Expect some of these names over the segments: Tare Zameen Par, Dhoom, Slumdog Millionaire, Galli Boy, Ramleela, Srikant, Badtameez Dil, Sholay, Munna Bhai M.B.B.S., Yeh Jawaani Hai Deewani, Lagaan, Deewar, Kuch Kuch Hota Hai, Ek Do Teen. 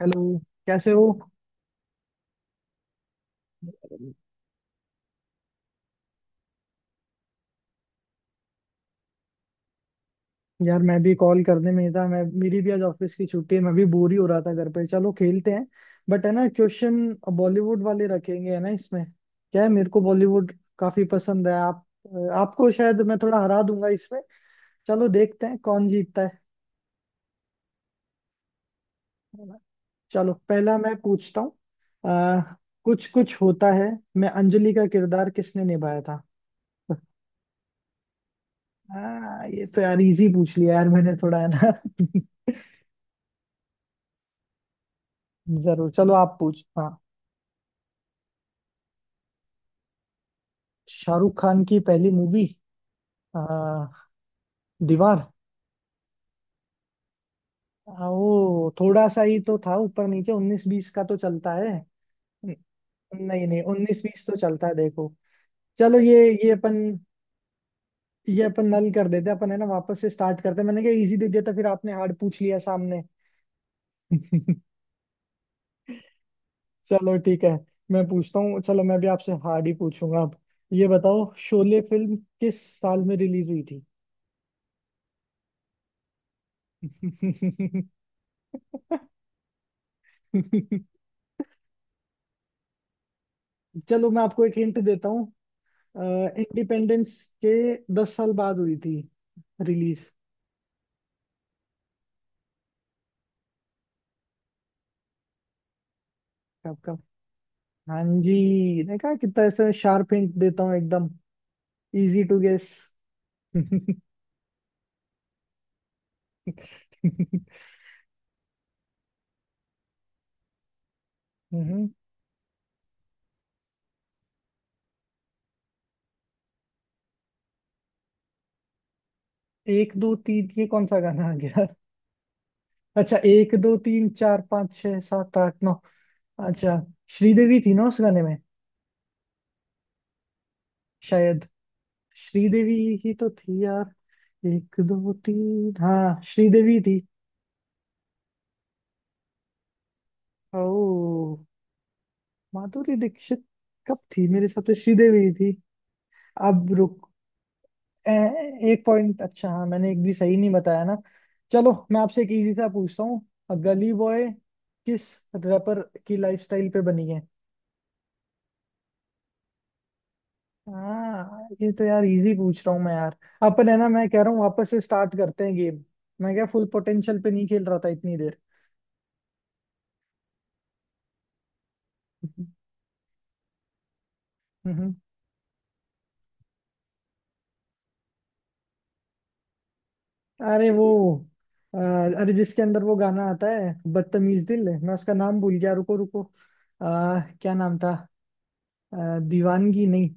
Hello. कैसे हो? यार मैं भी कॉल करने में ही था। मैं, मेरी भी आज ऑफिस की छुट्टी है। मैं भी बोर ही हो रहा था घर पे। चलो खेलते हैं। बट है ना, क्वेश्चन बॉलीवुड वाले रखेंगे है ना। इसमें क्या है, मेरे को बॉलीवुड काफी पसंद है। आप, आपको शायद मैं थोड़ा हरा दूंगा इसमें। चलो देखते हैं कौन जीतता है। है ना? चलो पहला मैं पूछता हूँ। आ, कुछ कुछ होता है। मैं, अंजलि का किरदार किसने निभाया था? ये तो यार इजी पूछ लिया यार मैंने, थोड़ा है ना। जरूर, चलो आप पूछ, हाँ। शाहरुख खान की पहली मूवी। दीवार। वो थोड़ा सा ही तो था, ऊपर नीचे उन्नीस बीस का तो चलता है। न- नहीं नहीं, उन्नीस बीस तो चलता है, देखो। चलो ये अपन ये अपन नल कर देते हैं अपन, है ना। वापस से स्टार्ट करते हैं। मैंने कहा इजी दे दिया था, फिर आपने हार्ड पूछ लिया सामने। चलो ठीक है। मैं पूछता हूँ। चलो मैं भी आपसे हार्ड ही पूछूंगा अब। ये बताओ शोले फिल्म किस साल में रिलीज हुई थी? चलो मैं आपको एक हिंट देता हूँ। इंडिपेंडेंस के 10 साल बाद हुई थी रिलीज। कब कब? हाँ जी, देखा कितना ऐसे शार्प हिंट देता हूँ एकदम, इजी टू गेस। एक दो तीन, ये कौन सा गाना आ गया? अच्छा, एक दो तीन चार पाँच छह सात आठ नौ। अच्छा, श्रीदेवी थी ना उस गाने में? शायद श्रीदेवी ही तो थी यार। एक दो तीन, हाँ श्रीदेवी थी। ओ, माधुरी दीक्षित? कब थी? मेरे हिसाब से श्रीदेवी ही थी। अब रुक। ए, 1 पॉइंट। अच्छा हाँ, मैंने एक भी सही नहीं बताया ना। चलो मैं आपसे एक इजी सा पूछता हूँ। गली बॉय किस रैपर की लाइफस्टाइल पे बनी है? हाँ, ये तो यार इजी पूछ रहा हूँ मैं यार। अपन है ना, मैं कह रहा हूँ वापस से स्टार्ट करते हैं गेम। मैं क्या फुल पोटेंशियल पे नहीं खेल रहा था इतनी देर। अरे वो, अ, अरे जिसके अंदर वो गाना आता है बदतमीज दिल। मैं उसका नाम भूल गया, रुको रुको। क्या नाम था? दीवानगी नहीं।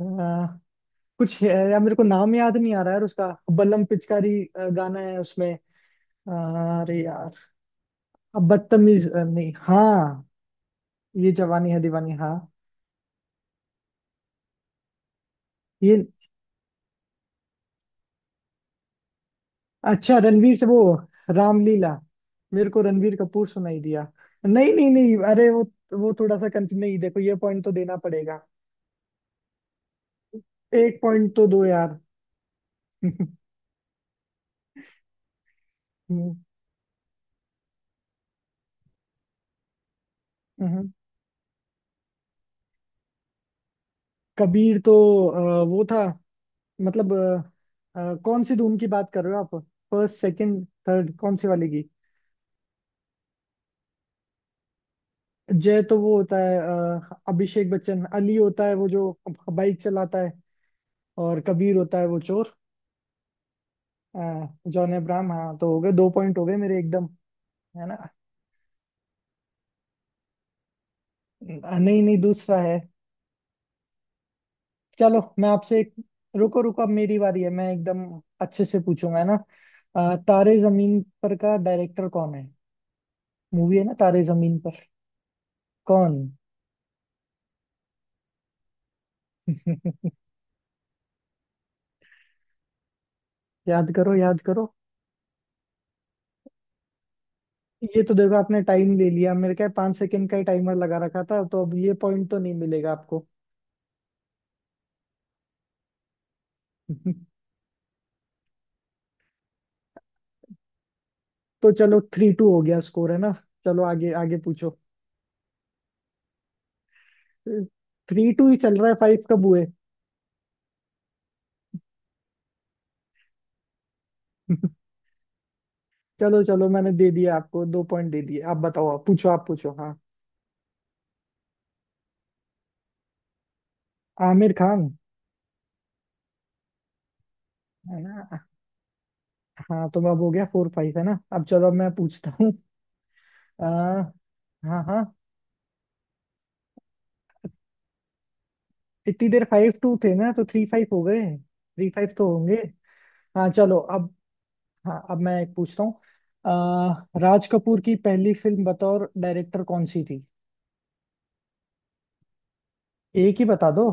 अ, कुछ है, यार मेरे को नाम याद नहीं आ रहा है उसका। बलम पिचकारी गाना है उसमें। अरे यार। अब बदतमीज नहीं, हाँ। ये जवानी है दीवानी, हाँ। ये, अच्छा रणवीर से वो रामलीला। मेरे को रणवीर कपूर सुनाई दिया। नहीं नहीं नहीं, अरे वो थोड़ा सा कंफ्यूज। नहीं देखो, ये पॉइंट तो देना पड़ेगा। 1 पॉइंट तो दो यार। हम्म, हम्म। कबीर तो वो था, मतलब कौन सी धूम की बात कर रहे हो आप? फर्स्ट, सेकंड, थर्ड, कौन सी वाली की? जय तो वो होता है अभिषेक बच्चन। अली होता है वो जो बाइक चलाता है। और कबीर होता है वो चोर। अ, जॉन अब्राहम। हाँ, तो हो गए, 2 पॉइंट हो गए मेरे एकदम। है ना? नहीं नहीं, दूसरा है। चलो मैं आपसे एक, रुको रुको, अब मेरी बारी है। मैं एकदम अच्छे से पूछूंगा, है ना। तारे जमीन पर का डायरेक्टर कौन है? मूवी है ना, तारे जमीन पर। कौन? याद करो याद करो। ये तो देखो, आपने टाइम ले लिया। मेरे क्या 5 सेकंड का ही टाइमर लगा रखा था, तो अब ये पॉइंट तो नहीं मिलेगा आपको। तो चलो 3-2 हो गया स्कोर, है ना। चलो आगे आगे पूछो। 3-2 ही चल रहा है, फाइव कब हुए? चलो चलो, मैंने दे दिया आपको 2 पॉइंट दे दिए। आप बताओ, आप पूछो आप पूछो, हाँ। आमिर खान। है ना? हाँ, तो अब हो गया 4-5, है ना। अब चलो, अब मैं पूछता हूँ। आ, हाँ हाँ। इतनी देर 5-2 थे ना, तो 3-5 हो गए, 3-5 तो होंगे। हाँ, चलो अब। हाँ, अब मैं एक पूछता हूँ। आ, राज कपूर की पहली फिल्म बतौर डायरेक्टर कौन सी थी? एक ही बता दो।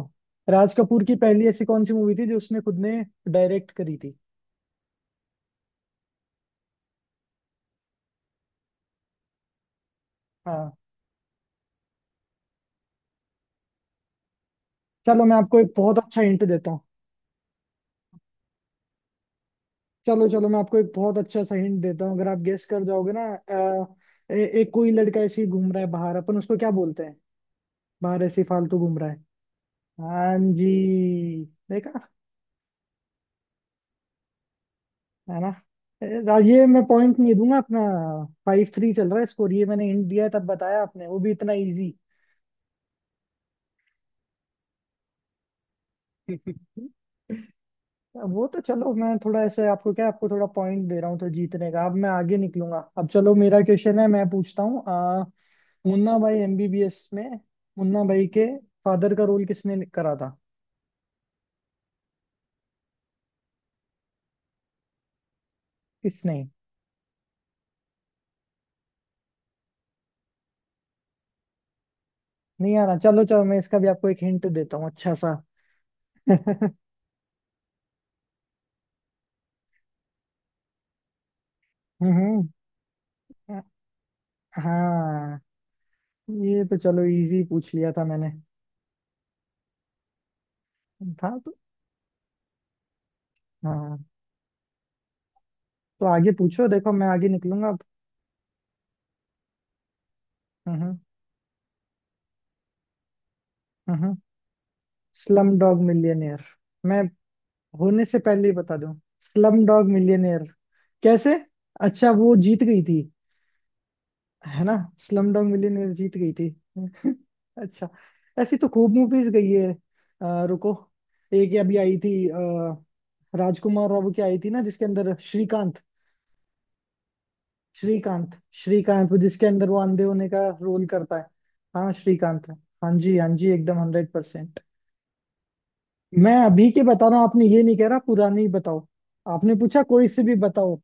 राज कपूर की पहली ऐसी कौन सी मूवी थी जो उसने खुद ने डायरेक्ट करी थी? हाँ। चलो मैं आपको एक बहुत अच्छा हिंट देता हूँ। चलो चलो मैं आपको एक बहुत अच्छा सा हिंट देता हूँ। अगर आप गेस कर जाओगे ना, एक कोई लड़का ऐसे ही घूम रहा है बाहर, अपन उसको क्या बोलते हैं? बाहर ऐसे ही फालतू घूम रहा है। हाँ जी, देखा। है ना? ए, ये मैं पॉइंट नहीं दूंगा अपना। 5-3 चल रहा है स्कोर। ये मैंने हिंट दिया है, तब बताया आपने, वो भी इतना इजी। वो तो चलो, मैं थोड़ा ऐसे आपको क्या, आपको थोड़ा पॉइंट दे रहा हूँ तो जीतने का। अब मैं आगे निकलूंगा। अब चलो, मेरा क्वेश्चन है, मैं पूछता हूँ। मुन्ना भाई एमबीबीएस में मुन्ना भाई के फादर का रोल किसने करा था? किसने? नहीं आ रहा। चलो चलो, मैं इसका भी आपको एक हिंट देता हूँ अच्छा सा। हम्म। हाँ, ये तो चलो इजी पूछ लिया था मैंने। था तो। हाँ, तो आगे पूछो। देखो मैं आगे निकलूंगा अब। हम्म हम्म। Slumdog millionaire. मैं होने से पहले ही बता दूं, स्लम डॉग मिलियनेयर। कैसे? अच्छा, वो जीत गई थी, है ना। स्लम डॉग मिलियनेयर जीत गई थी। अच्छा, ऐसी तो खूब मूवीज गई है। रुको। एक ये अभी आई थी, राजकुमार राव की आई थी ना, जिसके अंदर श्रीकांत। श्रीकांत, श्रीकांत, वो जिसके अंदर वो अंधे होने का रोल करता है। हाँ श्रीकांत है। हाँ जी हाँ जी, एकदम 100%। मैं अभी के बता रहा हूँ, आपने ये नहीं कह रहा पुरानी बताओ। आपने पूछा कोई से भी बताओ।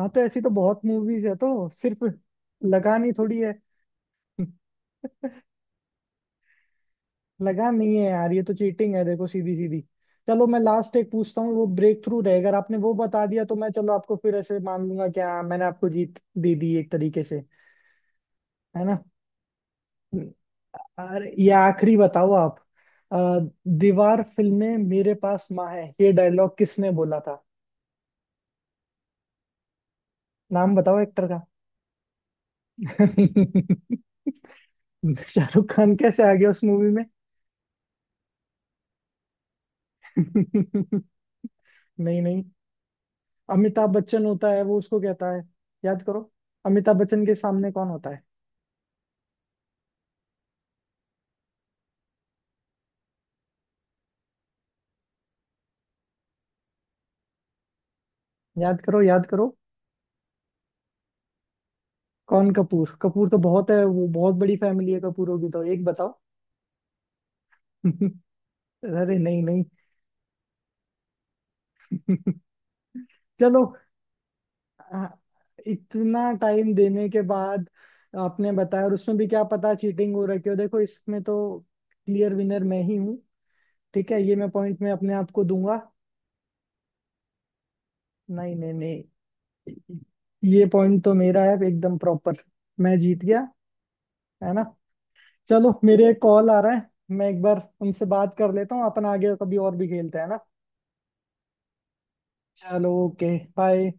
हाँ तो ऐसी तो बहुत मूवीज है, तो सिर्फ लगानी थोड़ी है। लगान नहीं है यार, ये तो चीटिंग है, देखो सीधी सीधी। चलो मैं लास्ट एक पूछता हूँ, वो ब्रेक थ्रू रहेगा। अगर आपने वो बता दिया, तो मैं चलो आपको फिर ऐसे मान लूंगा कि हाँ, मैंने आपको जीत दे दी एक तरीके से। है ना? अरे, ये आखिरी बताओ आप। अ, दीवार फिल्म में मेरे पास माँ है, ये डायलॉग किसने बोला था? नाम बताओ एक्टर का। शाहरुख खान कैसे आ गया उस मूवी में? नहीं नहीं, अमिताभ बच्चन होता है, वो उसको कहता है। याद करो, अमिताभ बच्चन के सामने कौन होता है? याद करो याद करो। कौन कपूर? कपूर तो बहुत है, वो बहुत बड़ी फैमिली है कपूरों की, तो एक बताओ। अरे नहीं नहीं। चलो। आ, इतना टाइम देने के बाद आपने बताया, और उसमें भी क्या पता चीटिंग हो रखी हो, देखो इसमें तो क्लियर विनर मैं ही हूँ। ठीक है, ये मैं पॉइंट मैं अपने आप को दूंगा। नहीं नहीं नहीं, ये पॉइंट तो मेरा है एकदम प्रॉपर। मैं जीत गया, है ना। चलो मेरे एक कॉल आ रहा है। मैं एक बार उनसे बात कर लेता हूँ। अपन आगे कभी और भी खेलते हैं ना। चलो, ओके, बाय।